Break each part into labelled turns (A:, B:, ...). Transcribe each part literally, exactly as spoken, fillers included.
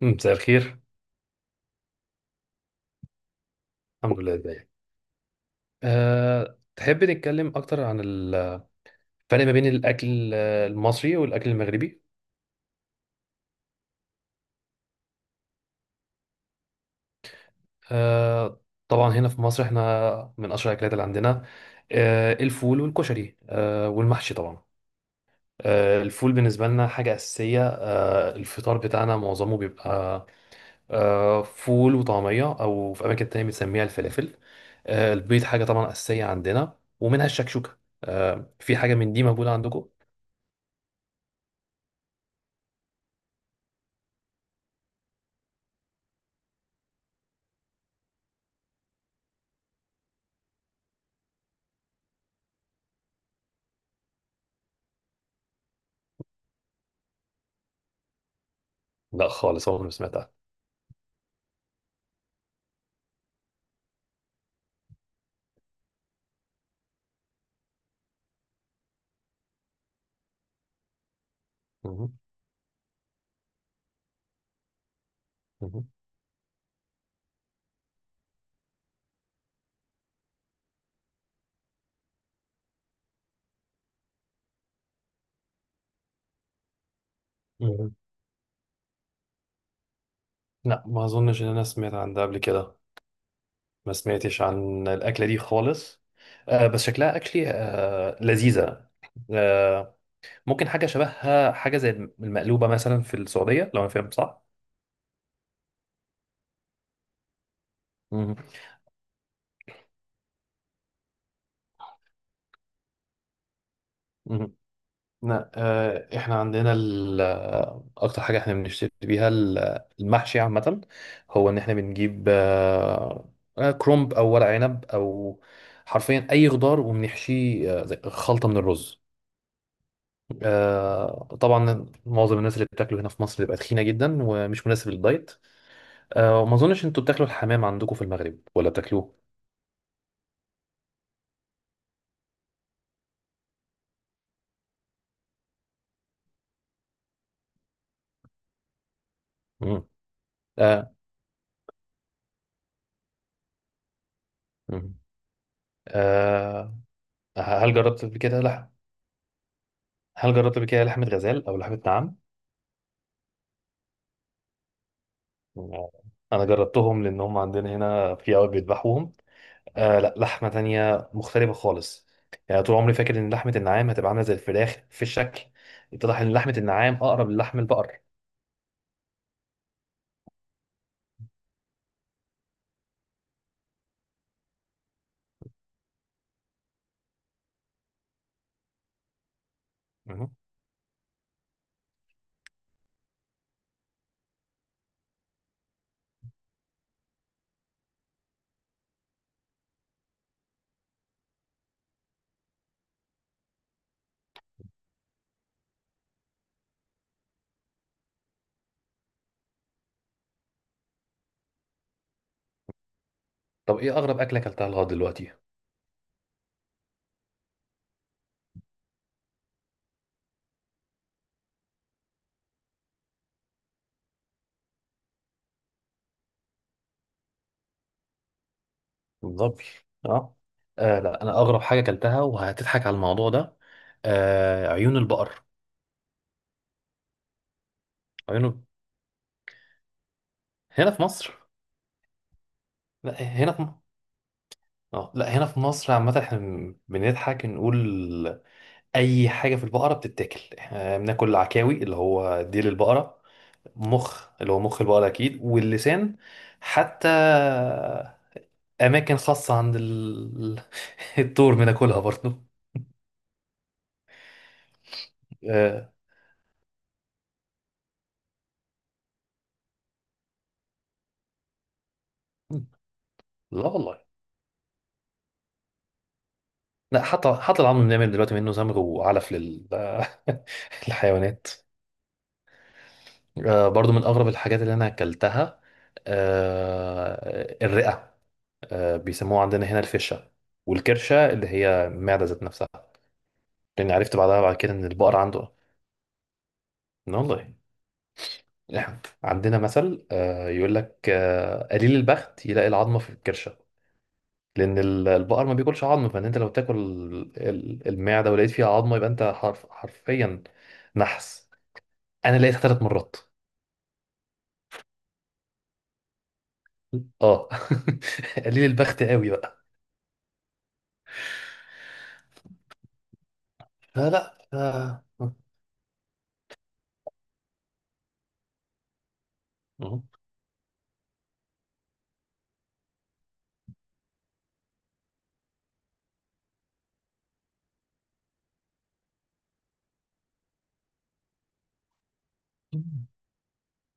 A: مم، مساء الخير. الحمد لله، ازيك؟ أه، تحب نتكلم اكتر عن الفرق ما بين الاكل آه، المصري والاكل المغربي؟ أه، طبعا هنا في مصر احنا من اشهر الاكلات اللي عندنا أه، الفول والكشري أه، والمحشي طبعا. أه، الفول بالنسبه لنا حاجه اساسيه. أه، الفطار بتاعنا معظمه بيبقى أه، فول وطعميه، او في اماكن تانية بنسميها الفلافل. أه، البيض حاجه طبعا اساسيه عندنا، ومنها الشكشوكه. أه، في حاجه من دي موجوده عندكم؟ لا خالص، عمري ما سمعت عنها. مهم. مهم. مهم. لا، ما اظنش ان انا سمعت عن ده قبل كده. ما سمعتش عن الاكله دي خالص. آه، بس شكلها اكلي، آه لذيذه. آه ممكن حاجه شبهها، حاجه زي المقلوبه مثلا في السعوديه، لو انا فاهم صح. مهم. مهم. لا. آه، احنا عندنا ال- آه، اكتر حاجه احنا بنشتري بيها ال- آه، المحشي عامه. هو ان احنا بنجيب آه، آه، كرنب او ورق عنب او حرفيا اي خضار، وبنحشيه آه، زي خلطه من الرز. آه، طبعا معظم الناس اللي بتاكله هنا في مصر بتبقى تخينه جدا ومش مناسب للدايت. آه، وما اظنش انتوا بتاكلوا الحمام عندكم في المغرب ولا بتاكلوه؟ مم. آه، مم. آه، هل جربت قبل كده لحم هل جربت قبل كده لحمه غزال او لحمه نعام؟ انا جربتهم، لان هم عندنا هنا في قوي بيذبحوهم. آه، لا، لحمه تانية مختلفه خالص. يعني طول عمري فاكر ان لحمه النعام هتبقى عامله زي الفراخ في الشكل، اتضح ان لحمه النعام اقرب للحم البقر. مهم. طب، ايه اغرب اكله اكلتها لغايه دلوقتي؟ الظبي؟ اه. آه لا، انا اغرب حاجه اكلتها، وهتضحك على الموضوع ده، آه، عيون البقر. عيون الب- هنا في مصر. لا هنا في م- اه لا، هنا في مصر عامه احنا بنضحك نقول اي حاجه في البقره بتتاكل. احنا بناكل عكاوي اللي هو ديل البقره، مخ اللي هو مخ البقره اكيد، واللسان. حتى اماكن خاصه عند ال... الطور بناكلها برضه. آه، لا والله. لا، حتى حتى العظم بنعمل دلوقتي منه زمر وعلف لل... للحيوانات. آه، برضو من اغرب الحاجات اللي انا اكلتها آه، الرئه. آه، بيسموها عندنا هنا الفشه، والكرشه اللي هي المعده ذات نفسها. لأني عرفت بعدها بعد كده إن البقر عنده... إن والله، إحنا عندنا مثل، آه، يقول لك آه، قليل البخت يلاقي العظمة في الكرشة. لأن ال- البقر ما بياكلش عظم، فإن أنت لو تاكل ال- المعدة ولقيت فيها عظمة، يبقى أنت حرف حرفيا نحس. أنا لقيتها ثلاث مرات. أه. قليل البخت قوي بقى. لا لا. آه. أه.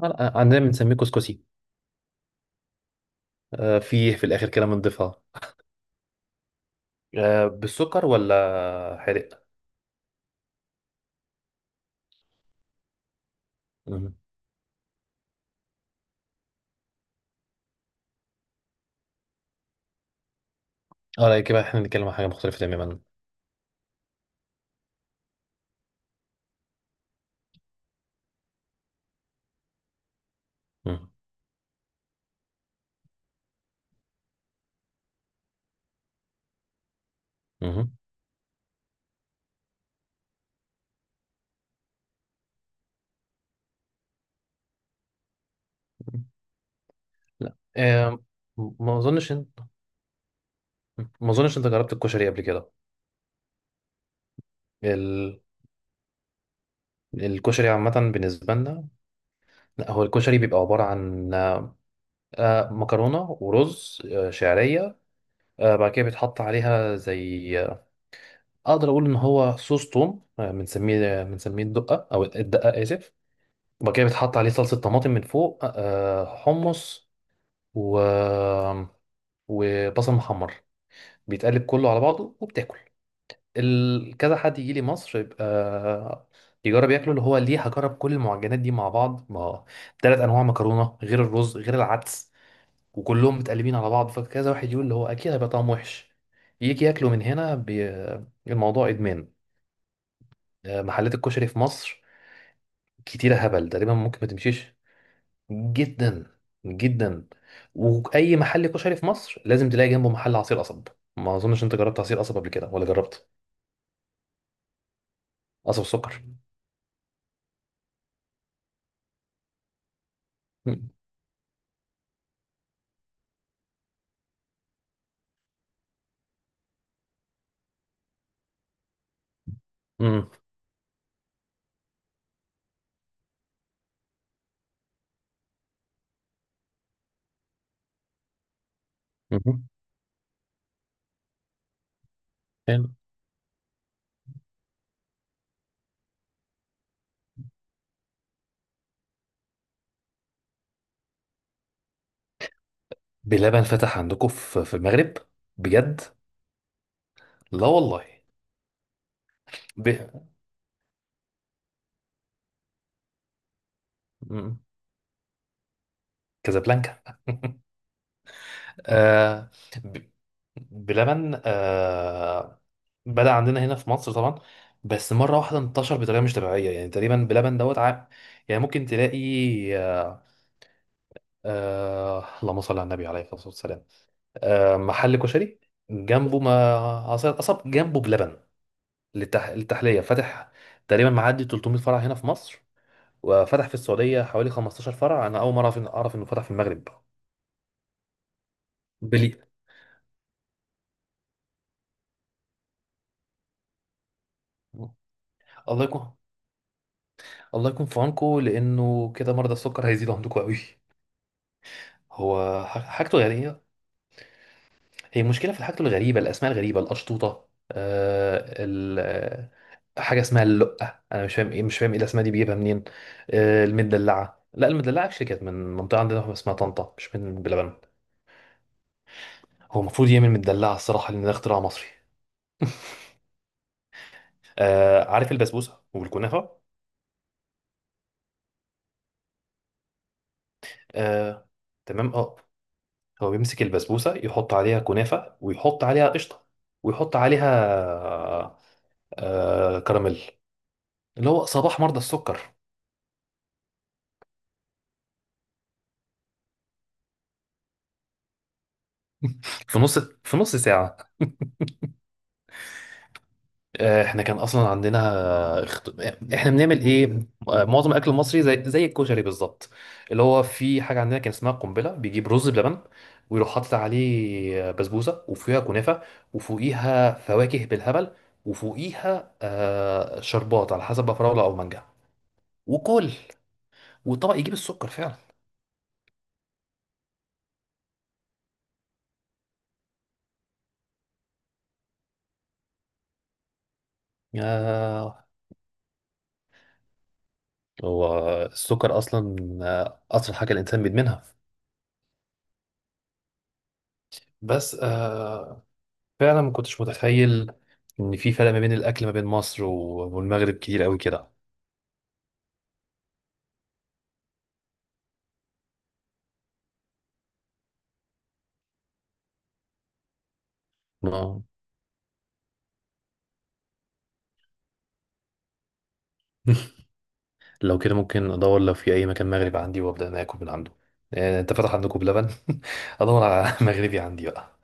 A: آه، عندنا بنسميه كسكسي آه، في في الآخر كده بنضيفها آه، بالسكر ولا حرق؟ اه لا، كده احنا بنتكلم عن حاجة مختلفة تماما. مم. مم. لا. آم، ما اظنش انت ما اظنش انت جربت الكشري قبل كده؟ ال... الكشري عامة بالنسبة لنا، لا، هو الكشري بيبقى عبارة عن آه، مكرونة ورز آه، شعرية. آه، بعد كده بيتحط عليها زي آه، اقدر اقول ان هو صوص توم، آه، بنسميه آه، بنسميه الدقة، او الدقة، اسف. وبعد كده بيتحط عليه صلصة طماطم من فوق، آه، حمص و... وبصل محمر، بيتقلب كله على بعضه وبتاكل. ال- كذا حد يجي لي مصر يبقى يجرب ياكله. اللي هو ليه هجرب كل المعجنات دي مع بعض؟ ما ثلاث انواع مكرونه، غير الرز، غير العدس، وكلهم متقلبين على بعض، فكذا واحد يقول اللي هو اكيد هيبقى طعمه وحش. يجي ياكله من هنا بي... الموضوع ادمان. آه، محلات الكشري في مصر كتيره هبل، تقريبا ممكن ما تمشيش. جدا جدا. واي محل كشري في مصر لازم تلاقي جنبه محل عصير قصب. ما اظنش انت جربت عصير قصب قبل كده ولا جربت؟ قصب السكر. امم. امم. حلو. بلبن فتح عندكم في في المغرب؟ بجد؟ لا والله. ب... مم. كازابلانكا. آه... ب... بلبن. آه... بدأ عندنا هنا في مصر طبعا، بس مرة واحدة انتشر بطريقة مش طبيعية. يعني تقريبا بلبن دوت ع... يعني ممكن تلاقي آه... آه... اللهم صل على النبي، عليه الصلاة والسلام. آه... محل كشري جنبه، ما أصل أصب جنبه بلبن للتح... للتحلية فاتح. تقريبا معدي 300 فرع هنا في مصر، وفتح في السعودية حوالي 15 فرع. أنا أول مرة أعرف إن- أعرف إنه فتح في المغرب. بلي. الله يكون الله يكون في عونكم، لأنه كده مرضى السكر هيزيدوا عندكم قوي. هو ح- حاجته يعني، هي مشكلة في حاجته الغريبة، الأسماء الغريبة الأشطوطة. آه ال... آه، حاجة اسمها اللقة، أنا مش فاهم إيه، مش فاهم إيه الأسماء دي بيجيبها منين. آه، المدلعة. لا، المدلعة actually كانت من منطقة عندنا اسمها طنطا، مش من بلبن. هو المفروض يعمل مدلعه الصراحه، لان ده اختراع مصري. آه، عارف البسبوسه والكنافه؟ آه. تمام اه. هو بيمسك البسبوسه، يحط عليها كنافه، ويحط عليها قشطه، ويحط عليها آه كراميل. اللي هو صباح مرضى السكر. في نص في نص ساعه. آه، احنا كان اصلا عندنا اخت- احنا بنعمل ايه؟ آه، معظم الاكل المصري، زي زي الكشري بالظبط. اللي هو في حاجه عندنا كان اسمها قنبله، بيجيب رز بلبن ويروح حاطط عليه بسبوسه وفيها كنافه، وفوقيها فواكه بالهبل، وفوقيها آه، شربات على حسب بقى، فراوله او مانجا، وكل. والطبق يجيب السكر فعلا. يا. هو السكر اصلا آه، اسرع حاجه الانسان بيدمنها. بس، آه، فعلا ما كنتش متخيل ان في فرق ما بين الاكل ما بين مصر و- والمغرب كتير قوي كده. آه. لو كده ممكن ادور لو في اي مكان مغرب عندي، وابدا انا اكل من عنده. يعني انت فتح عندكم بلبن. ادور على مغربي عندي بقى.